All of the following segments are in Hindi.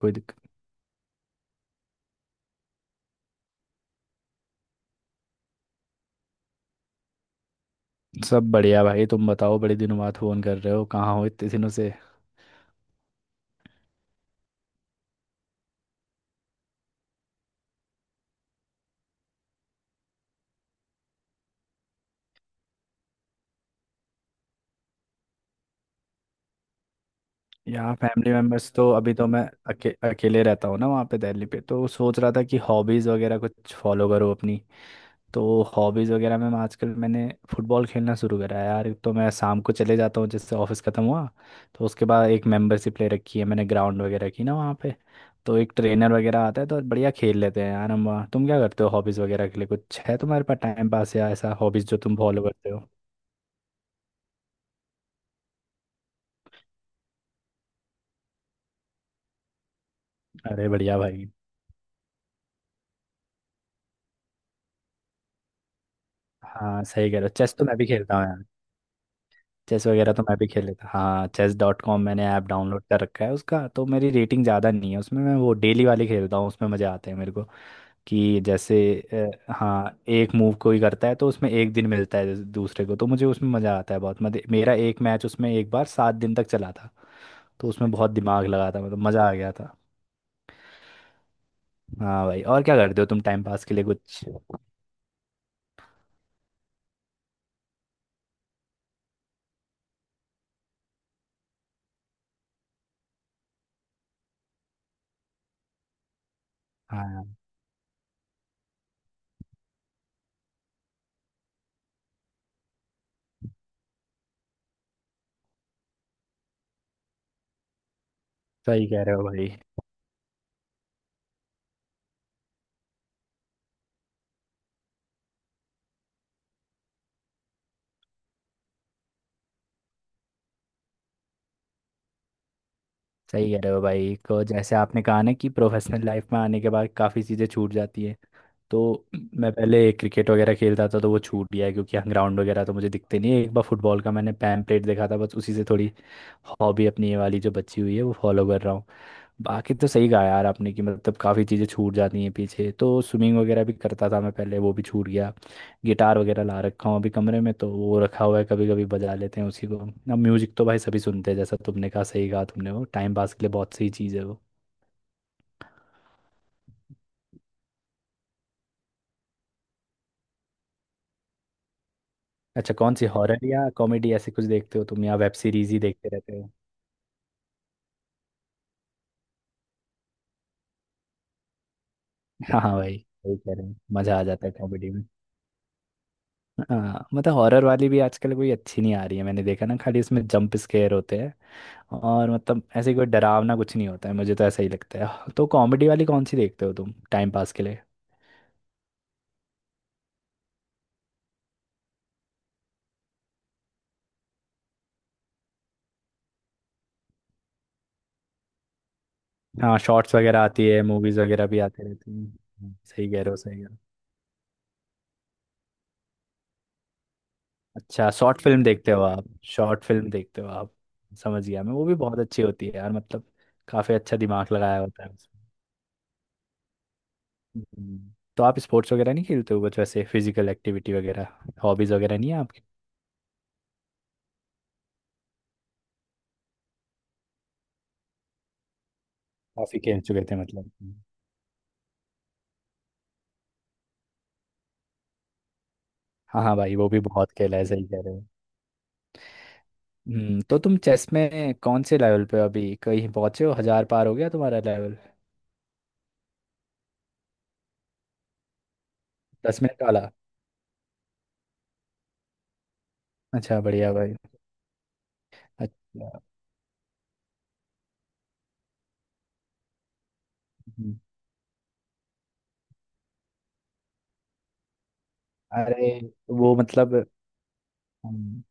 कोई दिक्कत। सब बढ़िया भाई, तुम बताओ, बड़े दिनों बाद फोन कर रहे हो, कहाँ हो इतने दिनों से? यहाँ फैमिली मेम्बर्स तो अभी तो मैं अकेले रहता हूँ ना, वहाँ पे दिल्ली पे। तो सोच रहा था कि हॉबीज़ वगैरह कुछ फॉलो करो अपनी। तो हॉबीज़ वगैरह में मैं आजकल मैंने फुटबॉल खेलना शुरू करा है यार। तो मैं शाम को चले जाता हूँ, जिससे ऑफिस ख़त्म हुआ तो उसके बाद एक मेंबरशिप ले रखी है मैंने ग्राउंड वगैरह की ना वहाँ पे। तो एक ट्रेनर वगैरह आता है, तो बढ़िया खेल लेते हैं यार हम वहाँ। तुम क्या करते हो हॉबीज़ वगैरह के लिए? कुछ है तुम्हारे पास टाइम पास या ऐसा हॉबीज़ जो तुम फॉलो करते हो? अरे बढ़िया भाई। हाँ सही कह रहे हो, चेस तो मैं भी खेलता हूँ यार। चेस वगैरह तो मैं भी खेल लेता हाँ। चेस डॉट कॉम मैंने ऐप डाउनलोड कर रखा है उसका, तो मेरी रेटिंग ज़्यादा नहीं है उसमें। मैं वो डेली वाले खेलता हूँ, उसमें मज़े आते हैं मेरे को कि जैसे हाँ एक मूव कोई करता है तो उसमें एक दिन मिलता है जैसे दूसरे को, तो मुझे उसमें मज़ा आता है बहुत। मजे, मेरा एक मैच उसमें एक बार 7 दिन तक चला था, तो उसमें बहुत दिमाग लगा था, मतलब मज़ा आ गया था। हाँ भाई, और क्या करते हो तुम टाइम पास के लिए कुछ? हाँ सही कह रहे हो भाई। सही कह रहे हो भाई को, जैसे आपने कहा ना कि प्रोफेशनल लाइफ में आने के बाद काफ़ी चीज़ें छूट जाती है। तो मैं पहले क्रिकेट वगैरह खेलता था, तो वो छूट गया है, क्योंकि यहाँ ग्राउंड वगैरह तो मुझे दिखते नहीं है। एक बार फुटबॉल का मैंने पैम्पलेट देखा था, बस उसी से थोड़ी हॉबी अपनी ये वाली जो बची हुई है वो फॉलो कर रहा हूँ। बाकी तो सही कहा यार आपने कि मतलब काफ़ी चीज़ें छूट जाती हैं पीछे। तो स्विमिंग वगैरह भी करता था मैं पहले, वो भी छूट गया। गिटार वगैरह ला रखा हूँ अभी कमरे में, तो वो रखा हुआ है, कभी कभी बजा लेते हैं उसी को अब। म्यूजिक तो भाई सभी सुनते हैं, जैसा तुमने कहा, सही कहा तुमने, वो टाइम पास के लिए बहुत सही चीज़ है वो। अच्छा कौन सी, हॉरर या कॉमेडी, ऐसे कुछ देखते हो तुम या वेब सीरीज ही देखते रहते हो? हाँ हाँ भाई, वही कह रहे हैं, मजा आ जाता है कॉमेडी में। हाँ मतलब हॉरर वाली भी आजकल कोई अच्छी नहीं आ रही है, मैंने देखा ना, खाली इसमें जंप स्केयर होते हैं और मतलब ऐसे कोई डरावना कुछ नहीं होता है, मुझे तो ऐसा ही लगता है। तो कॉमेडी वाली कौन सी देखते हो तुम टाइम पास के लिए? हाँ शॉर्ट्स वगैरह आती है, मूवीज वगैरह भी आती रहती हैं। हाँ, सही कह रहे हो, सही कह रहे हो। अच्छा शॉर्ट फिल्म देखते हो आप? शॉर्ट फिल्म देखते हो आप? समझ गया मैं, वो भी बहुत अच्छी होती है यार, मतलब काफी अच्छा दिमाग लगाया होता है। हम्म। तो आप स्पोर्ट्स वगैरह नहीं खेलते हो, बस वैसे फिजिकल एक्टिविटी वगैरह हॉबीज वगैरह नहीं है आपकी? काफी खेल चुके थे मतलब। हम्म। हाँ हाँ भाई, वो भी बहुत खेला है, सही कह रहे हो। हम्म, तो तुम चेस में कौन से लेवल पे हो अभी? कहीं पहुंचे हो, 1000 पार हो गया तुम्हारा लेवल? 10 मिनट वाला? अच्छा बढ़िया भाई। अच्छा। हम्म, अरे वो मतलब हम्म,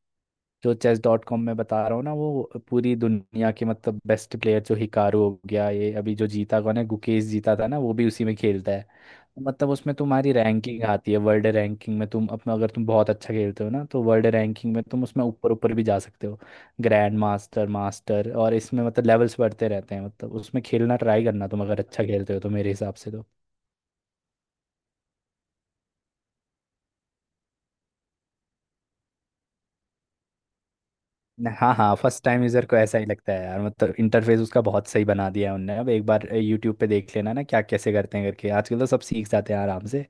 जो चेस डॉट कॉम में बता रहा हूँ ना, वो पूरी दुनिया के मतलब बेस्ट प्लेयर जो हिकारू हो गया, ये अभी जो जीता कौन है, गुकेश जीता था ना, वो भी उसी में खेलता है। मतलब उसमें तुम्हारी रैंकिंग आती है, वर्ल्ड रैंकिंग में तुम अपना, अगर तुम बहुत अच्छा खेलते हो ना, तो वर्ल्ड रैंकिंग में तुम उसमें ऊपर ऊपर भी जा सकते हो। ग्रैंड मास्टर, मास्टर, और इसमें मतलब लेवल्स बढ़ते रहते हैं। मतलब उसमें खेलना, ट्राई करना, तुम अगर अच्छा खेलते हो तो मेरे हिसाब से तो। हाँ हाँ, फर्स्ट टाइम यूजर को ऐसा ही लगता है यार, मतलब इंटरफेस उसका बहुत सही बना दिया है उनने। अब एक बार यूट्यूब पे देख लेना ना क्या कैसे करते हैं करके, आजकल तो सब सीख जाते हैं आराम से।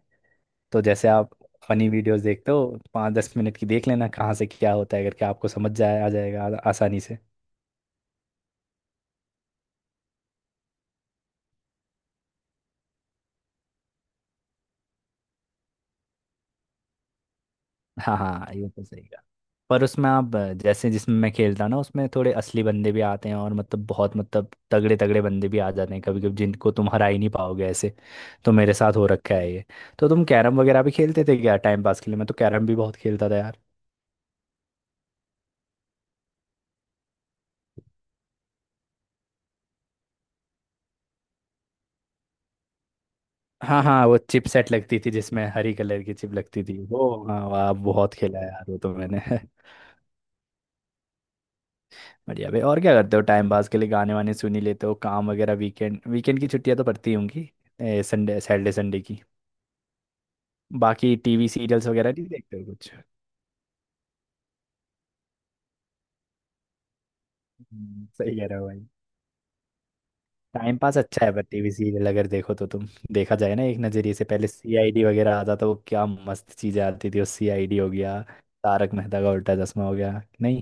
तो जैसे आप फनी वीडियोस देखते हो, 5 10 मिनट की देख लेना कहाँ से क्या होता है करके, आपको समझ जाए, आ जाएगा आसानी से। हाँ हाँ ये तो सही। पर उसमें आप जैसे जिसमें मैं खेलता हूँ ना, उसमें थोड़े असली बंदे भी आते हैं और मतलब बहुत, मतलब तगड़े तगड़े बंदे भी आ जाते हैं कभी कभी, जिनको तुम हरा ही नहीं पाओगे ऐसे। तो मेरे साथ हो रखा है ये। तो तुम कैरम वगैरह भी खेलते थे क्या टाइम पास के लिए? मैं तो कैरम भी बहुत खेलता था यार। हाँ हाँ, वो चिप सेट लगती थी, जिसमें हरी कलर की चिप लगती थी वो, हाँ वाह, बहुत खेला है यार वो तो मैंने बढ़िया भाई, और क्या करते हो टाइम पास के लिए? गाने वाने सुन ही लेते हो? काम वगैरह, वीकेंड, वीकेंड की छुट्टियां तो पड़ती होंगी, संडे, सैटरडे संडे की। बाकी टीवी सीरियल्स वगैरह नहीं देखते हो कुछ? सही कह रहे हो भाई। टाइम पास अच्छा है पर टीवी सीरियल अगर देखो तो तुम, देखा जाए ना एक नजरिए से, पहले सीआईडी वगैरह आता तो क्या मस्त चीजें आती थी। सीआईडी हो गया, तारक मेहता का उल्टा चश्मा हो गया, नहीं?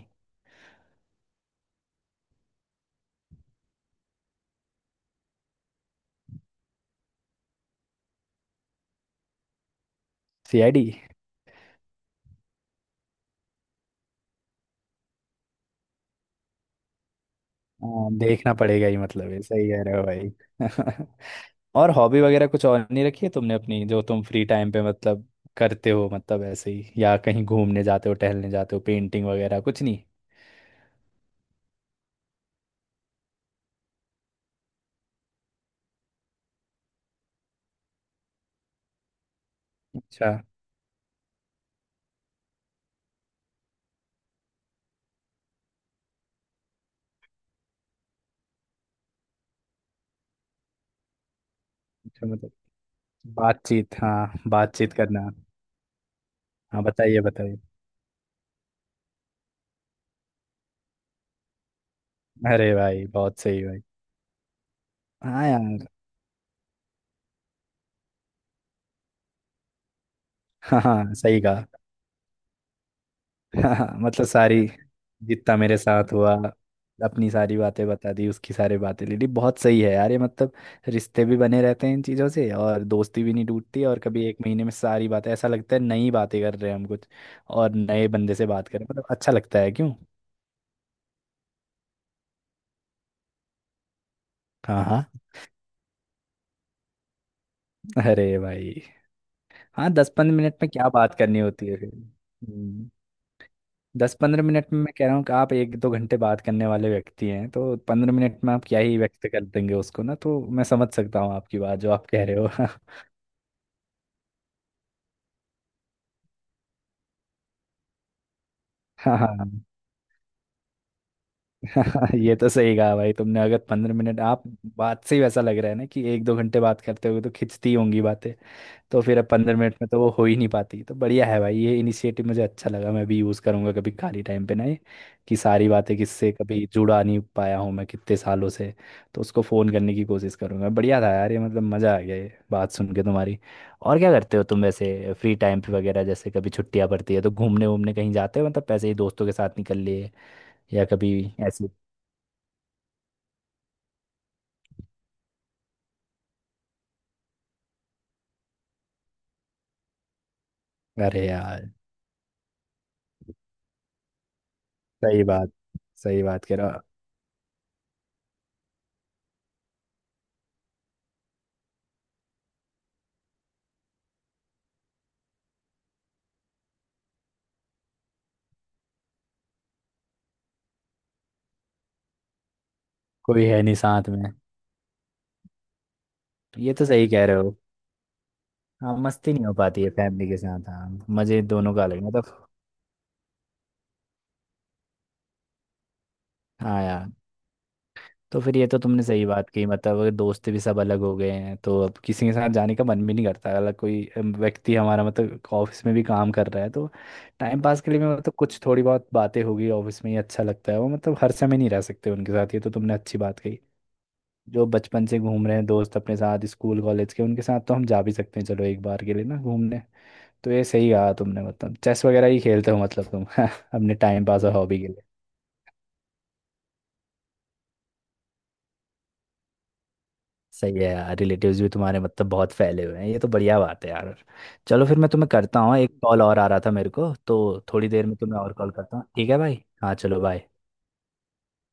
सीआईडी, हाँ देखना पड़ेगा ही, मतलब है, सही कह रहे हो भाई और हॉबी वगैरह कुछ और नहीं रखी है तुमने अपनी जो तुम फ्री टाइम पे मतलब करते हो, मतलब ऐसे ही, या कहीं घूमने जाते हो, टहलने जाते हो, पेंटिंग वगैरह कुछ नहीं? अच्छा। अच्छा मतलब बातचीत, हाँ बातचीत करना। हाँ बताइए, बताइए। अरे भाई, बहुत सही भाई। हाँ यार। हाँ हाँ सही कहा हाँ, मतलब सारी, जितना मेरे साथ हुआ अपनी सारी बातें बता दी, उसकी सारी बातें ले ली, बहुत सही है यार ये मतलब। रिश्ते भी बने रहते हैं इन चीज़ों से और दोस्ती भी नहीं टूटती, और कभी 1 महीने में सारी बातें, ऐसा लगता है नई बातें कर रहे हैं हम कुछ और, नए बंदे से बात कर रहे हैं, मतलब अच्छा लगता है क्यों। हाँ हाँ। अरे भाई, हाँ 10 15 मिनट में क्या बात करनी होती है फिर। हम्म। 10 15 मिनट में मैं कह रहा हूँ कि आप 1 2 घंटे बात करने वाले व्यक्ति हैं, तो 15 मिनट में आप क्या ही व्यक्त कर देंगे उसको। ना तो मैं समझ सकता हूँ आपकी बात जो आप कह रहे हो हाँ हाँ। ये तो सही कहा भाई तुमने, अगर 15 मिनट आप, बात से ही वैसा लग रहा है ना कि 1 2 घंटे बात करते होगे, तो खिंचती होंगी बातें। तो फिर अब 15 मिनट में तो वो हो ही नहीं पाती। तो बढ़िया है भाई ये इनिशिएटिव, मुझे अच्छा लगा, मैं भी यूज़ करूँगा कभी खाली टाइम पे ना ये, कि सारी बातें, किससे कभी जुड़ा नहीं पाया हूँ मैं कितने सालों से, तो उसको फ़ोन करने की कोशिश करूँगा। बढ़िया था यार ये, मतलब मज़ा आ गया ये बात सुन के तुम्हारी। और क्या करते हो तुम वैसे फ्री टाइम पे वगैरह, जैसे कभी छुट्टियाँ पड़ती है तो घूमने वूमने कहीं जाते हो, मतलब पैसे ही दोस्तों के साथ निकल लिए, या कभी ऐसे? अरे यार, सही बात। सही बात कह रहा। कोई है नहीं साथ में। ये तो सही कह रहे हो। हाँ मस्ती नहीं हो पाती है फैमिली के साथ, हाँ मजे दोनों का अलग मतलब। हाँ यार। तो फिर ये तो तुमने सही बात कही, मतलब अगर दोस्त भी सब अलग हो गए हैं तो अब किसी के साथ जाने का मन भी नहीं करता। अलग कोई व्यक्ति हमारा, मतलब ऑफिस में भी काम कर रहा है तो टाइम पास के लिए भी मतलब कुछ थोड़ी बहुत बातें होगी ऑफिस में ही, अच्छा लगता है वो, मतलब हर समय नहीं रह सकते उनके साथ। ये तो तुमने अच्छी बात कही। जो बचपन से घूम रहे हैं दोस्त अपने साथ, स्कूल कॉलेज के, उनके साथ तो हम जा भी सकते हैं, चलो एक बार के लिए ना घूमने। तो ये सही कहा तुमने, मतलब चेस वगैरह ही खेलते हो मतलब तुम अपने टाइम पास और हॉबी के लिए। सही है यार, रिलेटिव्स भी तुम्हारे मतलब बहुत फैले हुए हैं, ये तो बढ़िया बात है यार। चलो फिर मैं तुम्हें करता हूँ एक कॉल, और आ रहा था मेरे को तो थोड़ी देर में तुम्हें और कॉल करता हूँ। ठीक है भाई, हाँ चलो बाय।